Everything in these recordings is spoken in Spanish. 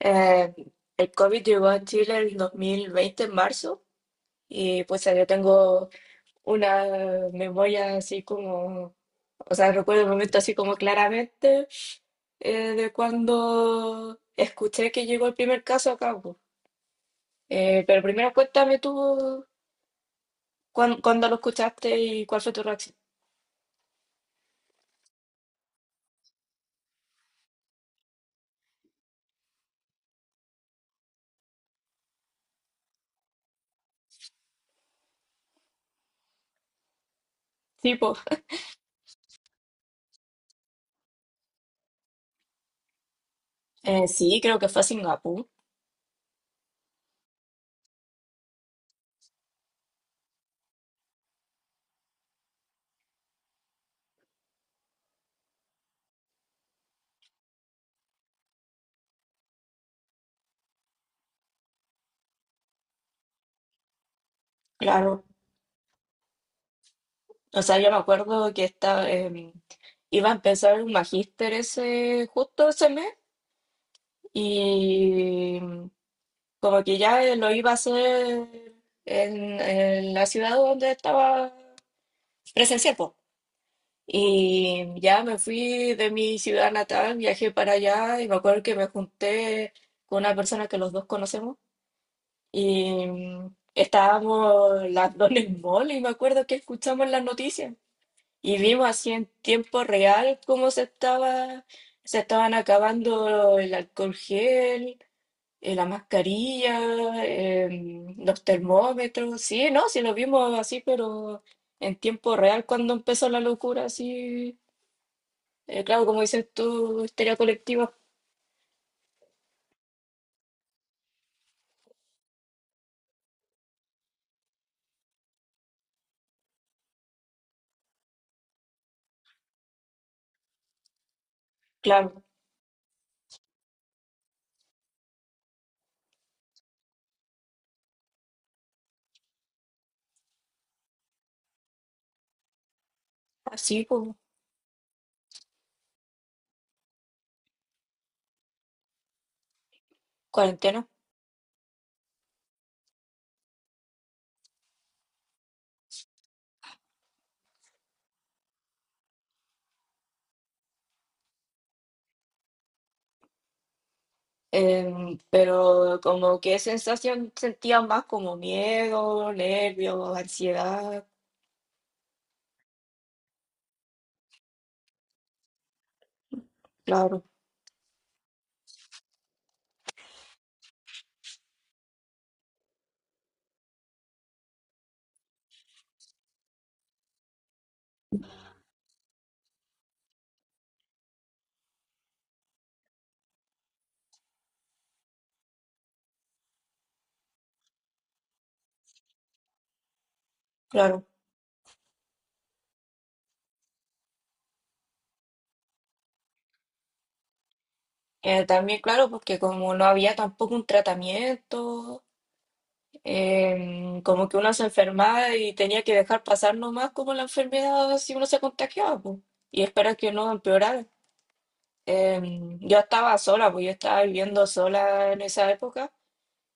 Eh, el COVID llegó a Chile el 2020 en marzo, y pues yo tengo una memoria así como, o sea, recuerdo el momento así como claramente de cuando escuché que llegó el primer caso acá, pues. Pero primero cuéntame tú cuándo lo escuchaste y cuál fue tu reacción. Sí, pues. Sí, creo que fue a Singapur, claro. O sea, yo me acuerdo que estaba, iba a empezar un magíster ese, justo ese mes. Y como que ya lo iba a hacer en la ciudad donde estaba presencial, po. Y ya me fui de mi ciudad natal, viajé para allá y me acuerdo que me junté con una persona que los dos conocemos y estábamos las dos en el mall y me acuerdo que escuchamos las noticias y vimos así en tiempo real se estaban acabando el alcohol gel, la mascarilla, los termómetros. Sí, no, sí lo vimos así, pero en tiempo real cuando empezó la locura, así. Eh, claro, como dices tú, histeria colectiva, claro, así como cuarentena. Pero como que sensación sentía más como miedo, nervios, ansiedad, claro, claro. También, claro, porque como no había tampoco un tratamiento. Em, como que uno se enfermaba y tenía que dejar pasar nomás como la enfermedad si uno se contagiaba, pues, y esperar que no empeorara. Em, yo estaba sola, pues yo estaba viviendo sola en esa época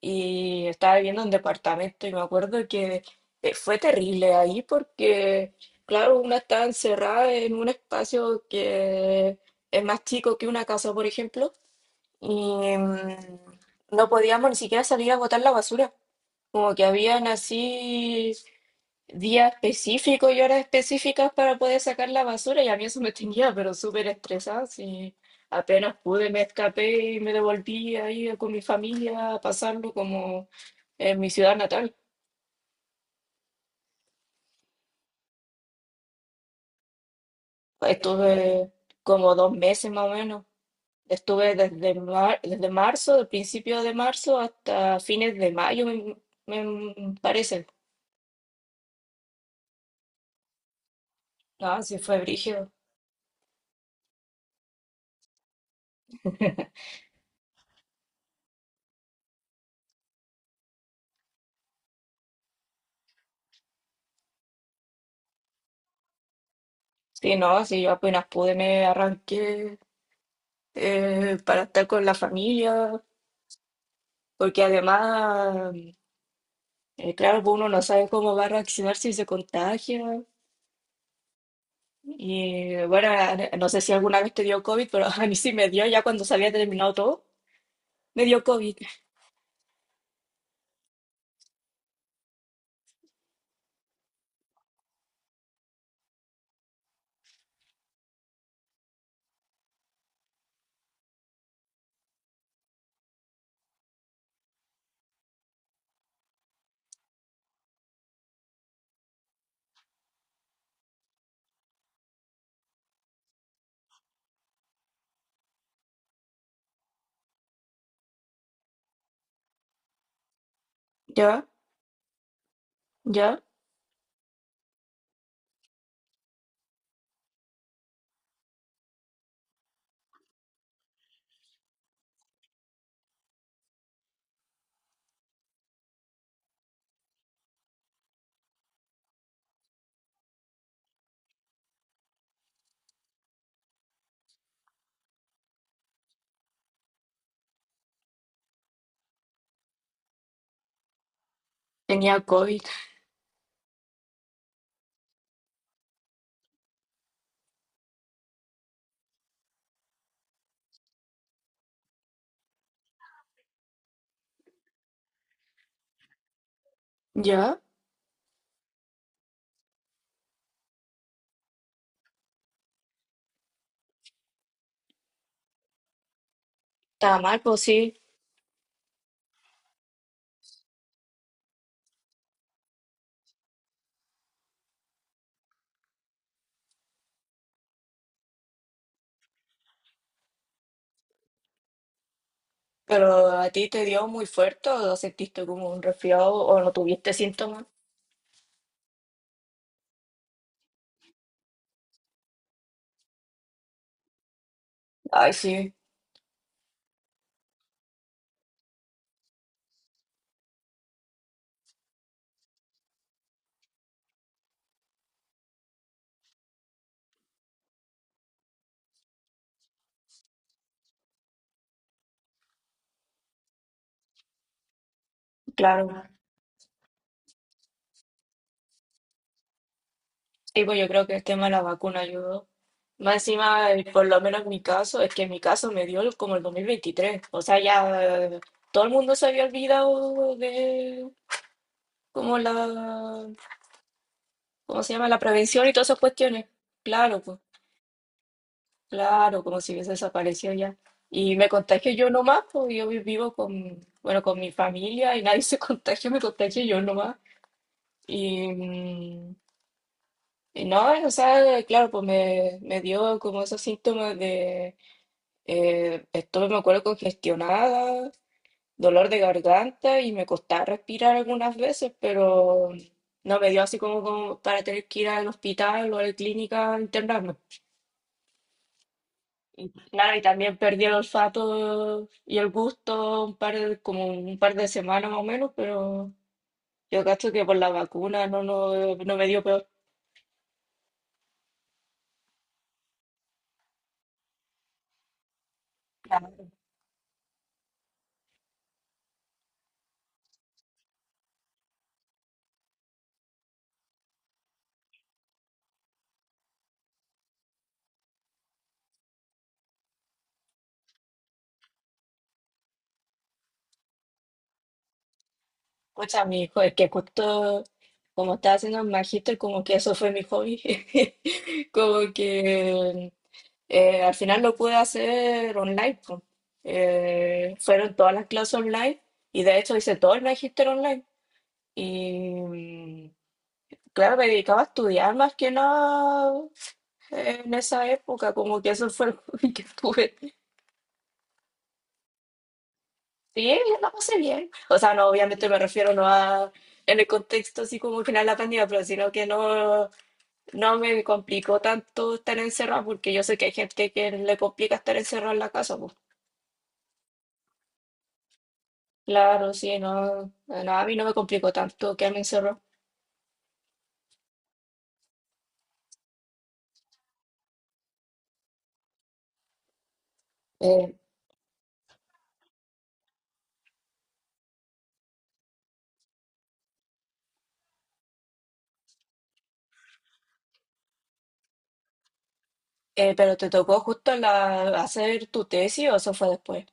y estaba viviendo en departamento y me acuerdo que fue terrible ahí porque, claro, una estaba encerrada en un espacio que es más chico que una casa, por ejemplo, y no podíamos ni siquiera salir a botar la basura. Como que habían así días específicos y horas específicas para poder sacar la basura y a mí eso me tenía, pero súper estresada. Sí. Apenas pude, me escapé y me devolví ahí con mi familia a pasarlo como en mi ciudad natal. Estuve como dos meses más o menos. Estuve desde, desde marzo, del principio de marzo hasta fines de mayo, me parece. Ah, sí, fue brígido. Sí, no, sí, yo apenas pude, me arranqué, para estar con la familia, porque además, claro, pues uno no sabe cómo va a reaccionar si se contagia. Y bueno, a- no sé si alguna vez te dio COVID, pero a mí sí me dio ya cuando se había terminado todo. Me dio COVID. Ya, ya, tenía COVID. Ya, estaba mal, pues sí. Pero a ti te dio muy fuerte o sentiste como un resfriado o no tuviste síntomas. Ay, sí, claro. Y pues yo creo que el tema de la vacuna ayudó. Más encima, por lo menos en mi caso, es que en mi caso me dio como el 2023. O sea, ya, todo el mundo se había olvidado de como la, ¿cómo se llama? La prevención y todas esas cuestiones. Claro, pues, claro, como si hubiese desaparecido ya. Y me contagio yo nomás, pues yo vivo con, bueno, con mi familia y nadie se contagia, me contagio yo nomás. Y, y no, o sea, claro, pues me dio como esos síntomas. Estuve, me acuerdo, congestionada, dolor de garganta y me costaba respirar algunas veces, pero no me dio así como, como para tener que ir al hospital o a la clínica a internarme. Y claro, y también perdí el olfato y el gusto un par de, como un par de semanas más o menos, pero yo cacho que por la vacuna no, no me dio peor. Claro. Escucha, mi hijo, es que justo como estaba haciendo el magíster, como que eso fue mi hobby. Como que al final lo pude hacer online, po. Fueron todas las clases online y de hecho hice todo el magister online. Y claro, me dedicaba a estudiar más que nada en esa época, como que eso fue lo hobby que tuve. Sí, la pasé bien. O sea, no, obviamente me refiero no a en el contexto así como al final de la pandemia, pero sino que no, no me complicó tanto estar encerrada, porque yo sé que hay gente que le complica estar encerrada en la casa, po. Claro, sí, no, no, a mí no me complicó tanto quedarme encerrado. Eh, pero te tocó justo la, hacer tu tesis o eso fue después.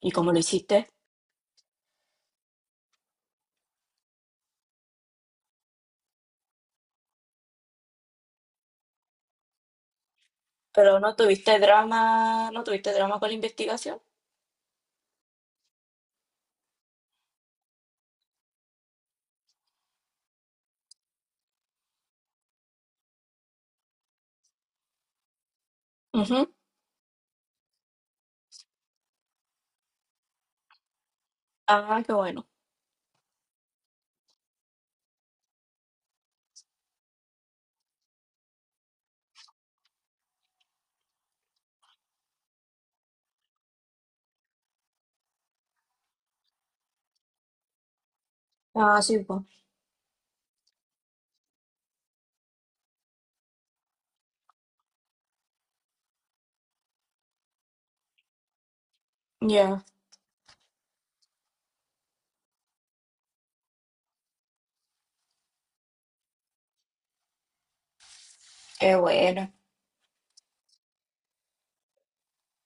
¿Y cómo lo hiciste? Pero no tuviste drama, no tuviste drama con la investigación. Ujú. Ah, qué bueno. Ah, sí, pues. Ya, qué bueno.